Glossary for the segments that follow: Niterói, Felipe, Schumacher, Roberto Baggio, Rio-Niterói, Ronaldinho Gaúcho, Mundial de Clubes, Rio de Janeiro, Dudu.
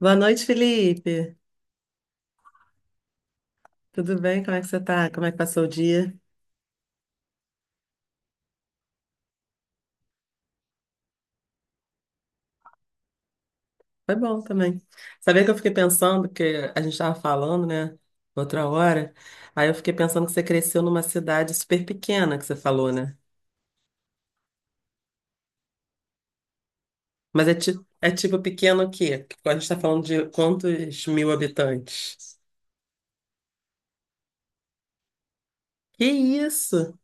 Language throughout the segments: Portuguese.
Boa noite, Felipe. Tudo bem? Como é que você tá? Como é que passou o dia? Foi bom também. Sabia que eu fiquei pensando, que a gente estava falando, né, outra hora, aí eu fiquei pensando que você cresceu numa cidade super pequena, que você falou, né? Mas é, ti é tipo pequeno o quê? Porque a gente está falando de quantos mil habitantes? Que isso?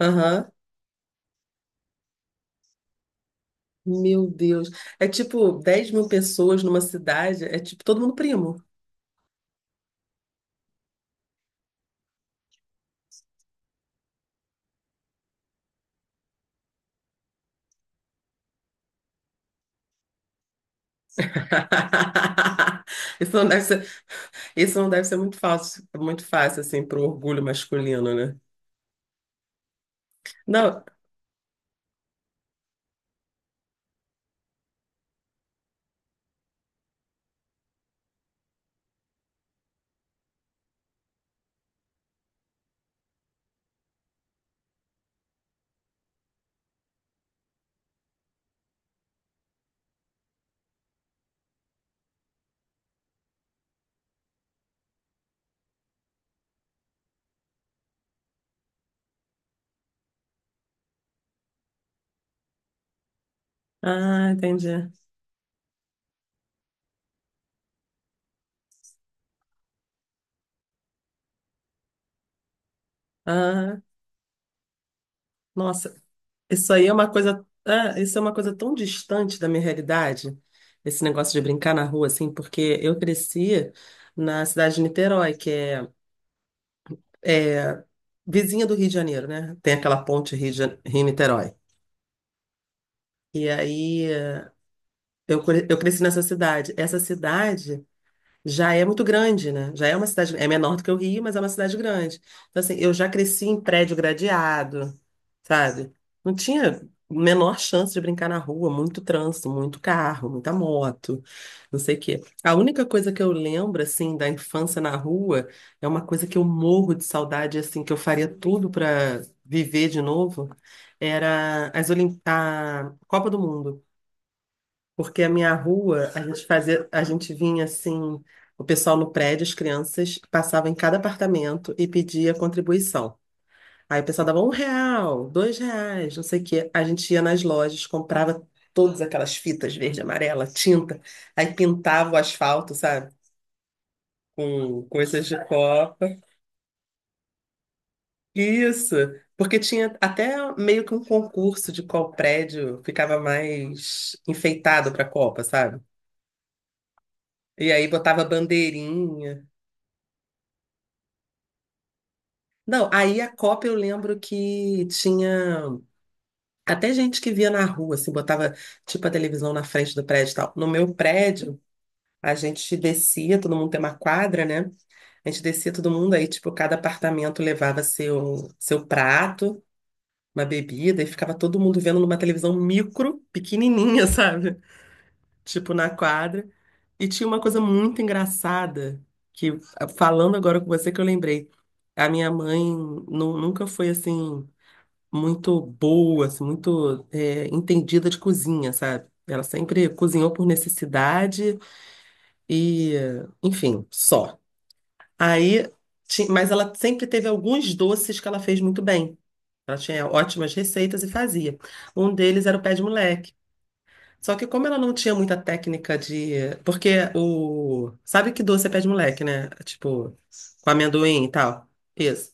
Aham. Meu Deus. É tipo 10 mil pessoas numa cidade, é tipo todo mundo primo. Isso não deve ser Isso não deve ser muito fácil assim para o orgulho masculino, né? Não. Ah, entendi. Ah, nossa, isso aí é uma coisa, ah, isso é uma coisa tão distante da minha realidade, esse negócio de brincar na rua assim, porque eu cresci na cidade de Niterói, que é, é vizinha do Rio de Janeiro, né? Tem aquela ponte Rio-Niterói. E aí, eu cresci nessa cidade. Essa cidade já é muito grande, né? Já é uma cidade, é menor do que o Rio, mas é uma cidade grande. Então, assim, eu já cresci em prédio gradeado, sabe? Não tinha menor chance de brincar na rua, muito trânsito, muito carro, muita moto, não sei o quê. A única coisa que eu lembro, assim, da infância na rua é uma coisa que eu morro de saudade, assim, que eu faria tudo para viver de novo, era a Copa do Mundo. Porque a minha rua, a gente vinha assim, o pessoal no prédio, as crianças, passava em cada apartamento e pedia contribuição. Aí o pessoal dava R$ 1, R$ 2, não sei o quê. A gente ia nas lojas, comprava todas aquelas fitas verde, e amarela, tinta, aí pintava o asfalto, sabe? Com coisas de copa. Isso, porque tinha até meio que um concurso de qual prédio ficava mais enfeitado para a Copa, sabe? E aí botava bandeirinha. Não, aí a Copa eu lembro que tinha até gente que via na rua, assim, botava tipo a televisão na frente do prédio e tal. No meu prédio, a gente descia, todo mundo tem uma quadra, né? A gente descia todo mundo, aí tipo, cada apartamento levava seu prato, uma bebida, e ficava todo mundo vendo numa televisão micro, pequenininha, sabe? Tipo, na quadra. E tinha uma coisa muito engraçada, que falando agora com você que eu lembrei. A minha mãe nunca foi assim muito boa, assim, muito entendida de cozinha, sabe? Ela sempre cozinhou por necessidade e, enfim, só. Aí, mas ela sempre teve alguns doces que ela fez muito bem. Ela tinha ótimas receitas e fazia. Um deles era o pé de moleque. Só que como ela não tinha muita técnica de... Porque o... Sabe que doce é pé de moleque, né? Tipo, com amendoim e tal. Isso.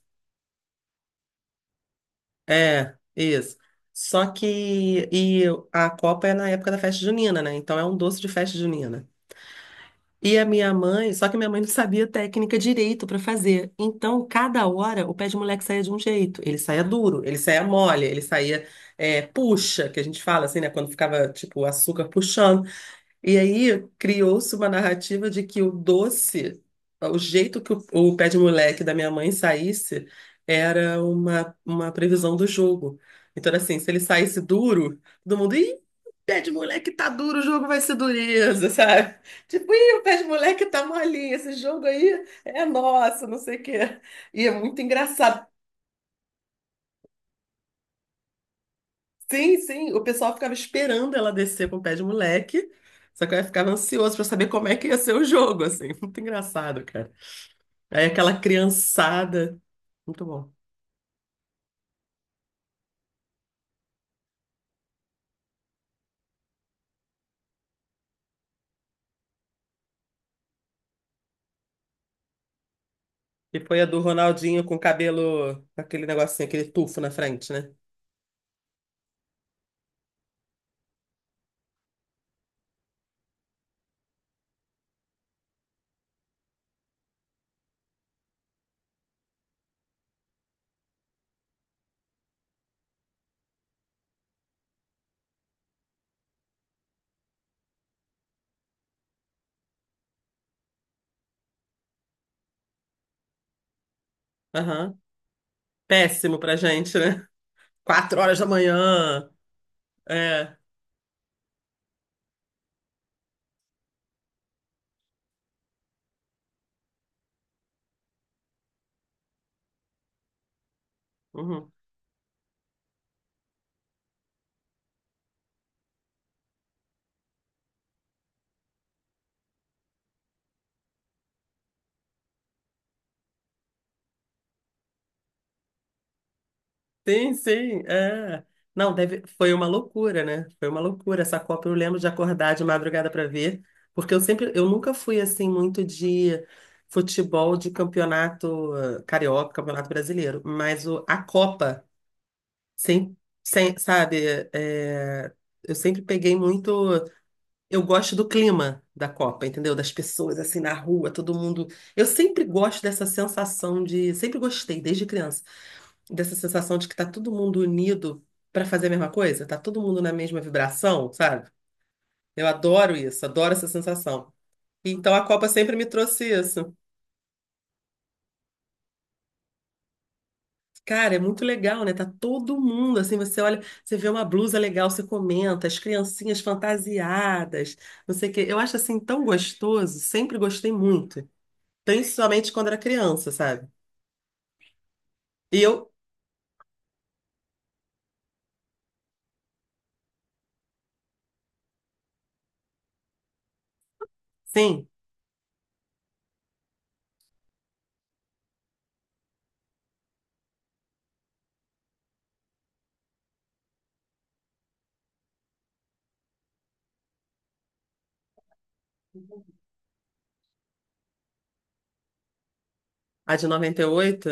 É, isso. Só que a Copa é na época da festa junina, né? Então é um doce de festa junina. E a minha mãe, só que minha mãe não sabia técnica direito para fazer. Então, cada hora o pé de moleque saía de um jeito. Ele saía duro, ele saía mole, ele saía puxa, que a gente fala assim, né? Quando ficava tipo o açúcar puxando. E aí criou-se uma narrativa de que o doce, o jeito que o pé de moleque da minha mãe saísse, era uma previsão do jogo. Então era assim, se ele saísse duro, todo mundo, ih, o pé de moleque tá duro, o jogo vai ser dureza, sabe? Tipo, ih, o pé de moleque tá molinho, esse jogo aí é nosso, não sei o quê. E é muito engraçado. Sim, sim, o pessoal ficava esperando ela descer com o pé de moleque, só que eu ficava ansioso pra saber como é que ia ser o jogo, assim, muito engraçado, cara. Aí aquela criançada, muito bom. E foi a do Ronaldinho com o cabelo, com aquele negocinho, aquele tufo na frente, né? Aham. Péssimo pra gente, né? 4 horas da manhã, é. Uhum. Sim, sim, é. Não, deve... foi uma loucura, né? Foi uma loucura. Essa Copa eu lembro de acordar de madrugada para ver, porque eu sempre, eu nunca fui assim muito de futebol de campeonato carioca, campeonato brasileiro, mas o... a Copa, sim, sem, sabe, eu sempre peguei muito. Eu gosto do clima da Copa, entendeu? Das pessoas assim na rua, todo mundo. Eu sempre gosto dessa sensação de, sempre gostei desde criança dessa sensação de que tá todo mundo unido para fazer a mesma coisa, tá todo mundo na mesma vibração, sabe? Eu adoro isso, adoro essa sensação. Então a Copa sempre me trouxe isso. Cara, é muito legal, né? Tá todo mundo assim, você olha, você vê uma blusa legal, você comenta, as criancinhas fantasiadas, não sei o quê. Eu acho assim tão gostoso, sempre gostei muito, principalmente quando era criança, sabe? E eu, sim, a de 98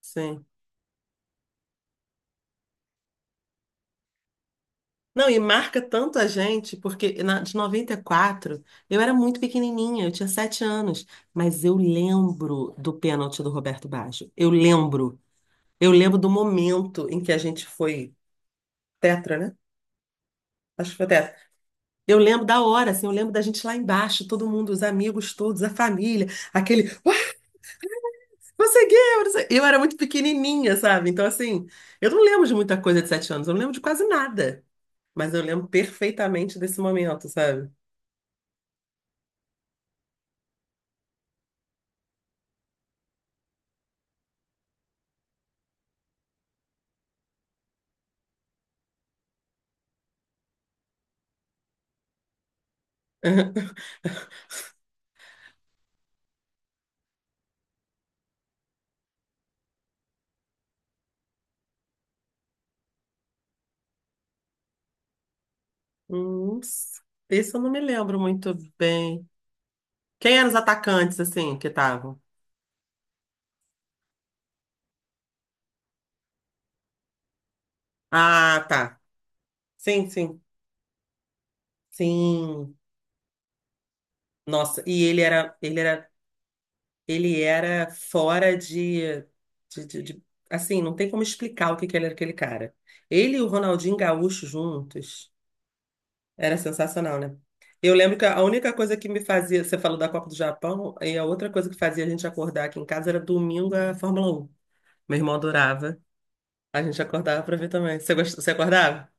sim. Não, e marca tanto a gente, porque na, de 94 eu era muito pequenininha, eu tinha 7 anos, mas eu lembro do pênalti do Roberto Baggio. Eu lembro. Eu lembro do momento em que a gente foi tetra, né? Acho que foi tetra. Eu lembro da hora, assim, eu lembro da gente lá embaixo, todo mundo, os amigos todos, a família, aquele, uai, conseguiu! Não sei- Eu era muito pequenininha, sabe? Então, assim, eu não lembro de muita coisa de 7 anos, eu não lembro de quase nada, mas eu lembro perfeitamente desse momento, sabe? Hum, esse eu não me lembro muito bem. Quem eram os atacantes, assim, que estavam? Ah, tá. Sim, sim. Sim. Nossa, e ele era, ele era, ele era fora de, de- de- assim, não tem como explicar o que que ele era aquele cara. Ele e o Ronaldinho Gaúcho juntos era sensacional, né? Eu lembro que a única coisa que me fazia, você falou da Copa do Japão, e a outra coisa que fazia a gente acordar aqui em casa era domingo a Fórmula 1. Meu irmão adorava. A gente acordava pra ver também. Você gost... Você acordava?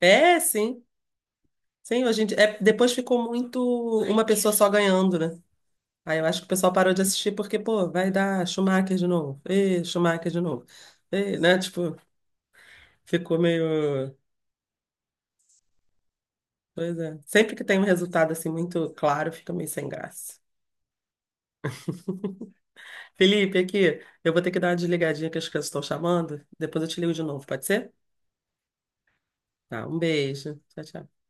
É, sim. Sim, hoje em dia. É, depois ficou muito uma pessoa só ganhando, né? Aí eu acho que o pessoal parou de assistir porque, pô, vai dar Schumacher de novo. Ê, Schumacher de novo. Ê, né? Tipo, ficou meio. Pois é. Sempre que tem um resultado assim muito claro, fica meio sem graça. Felipe, aqui, eu vou ter que dar uma desligadinha que as crianças estão chamando. Depois eu te ligo de novo, pode ser? Tá, um beijo. Tchau, tchau.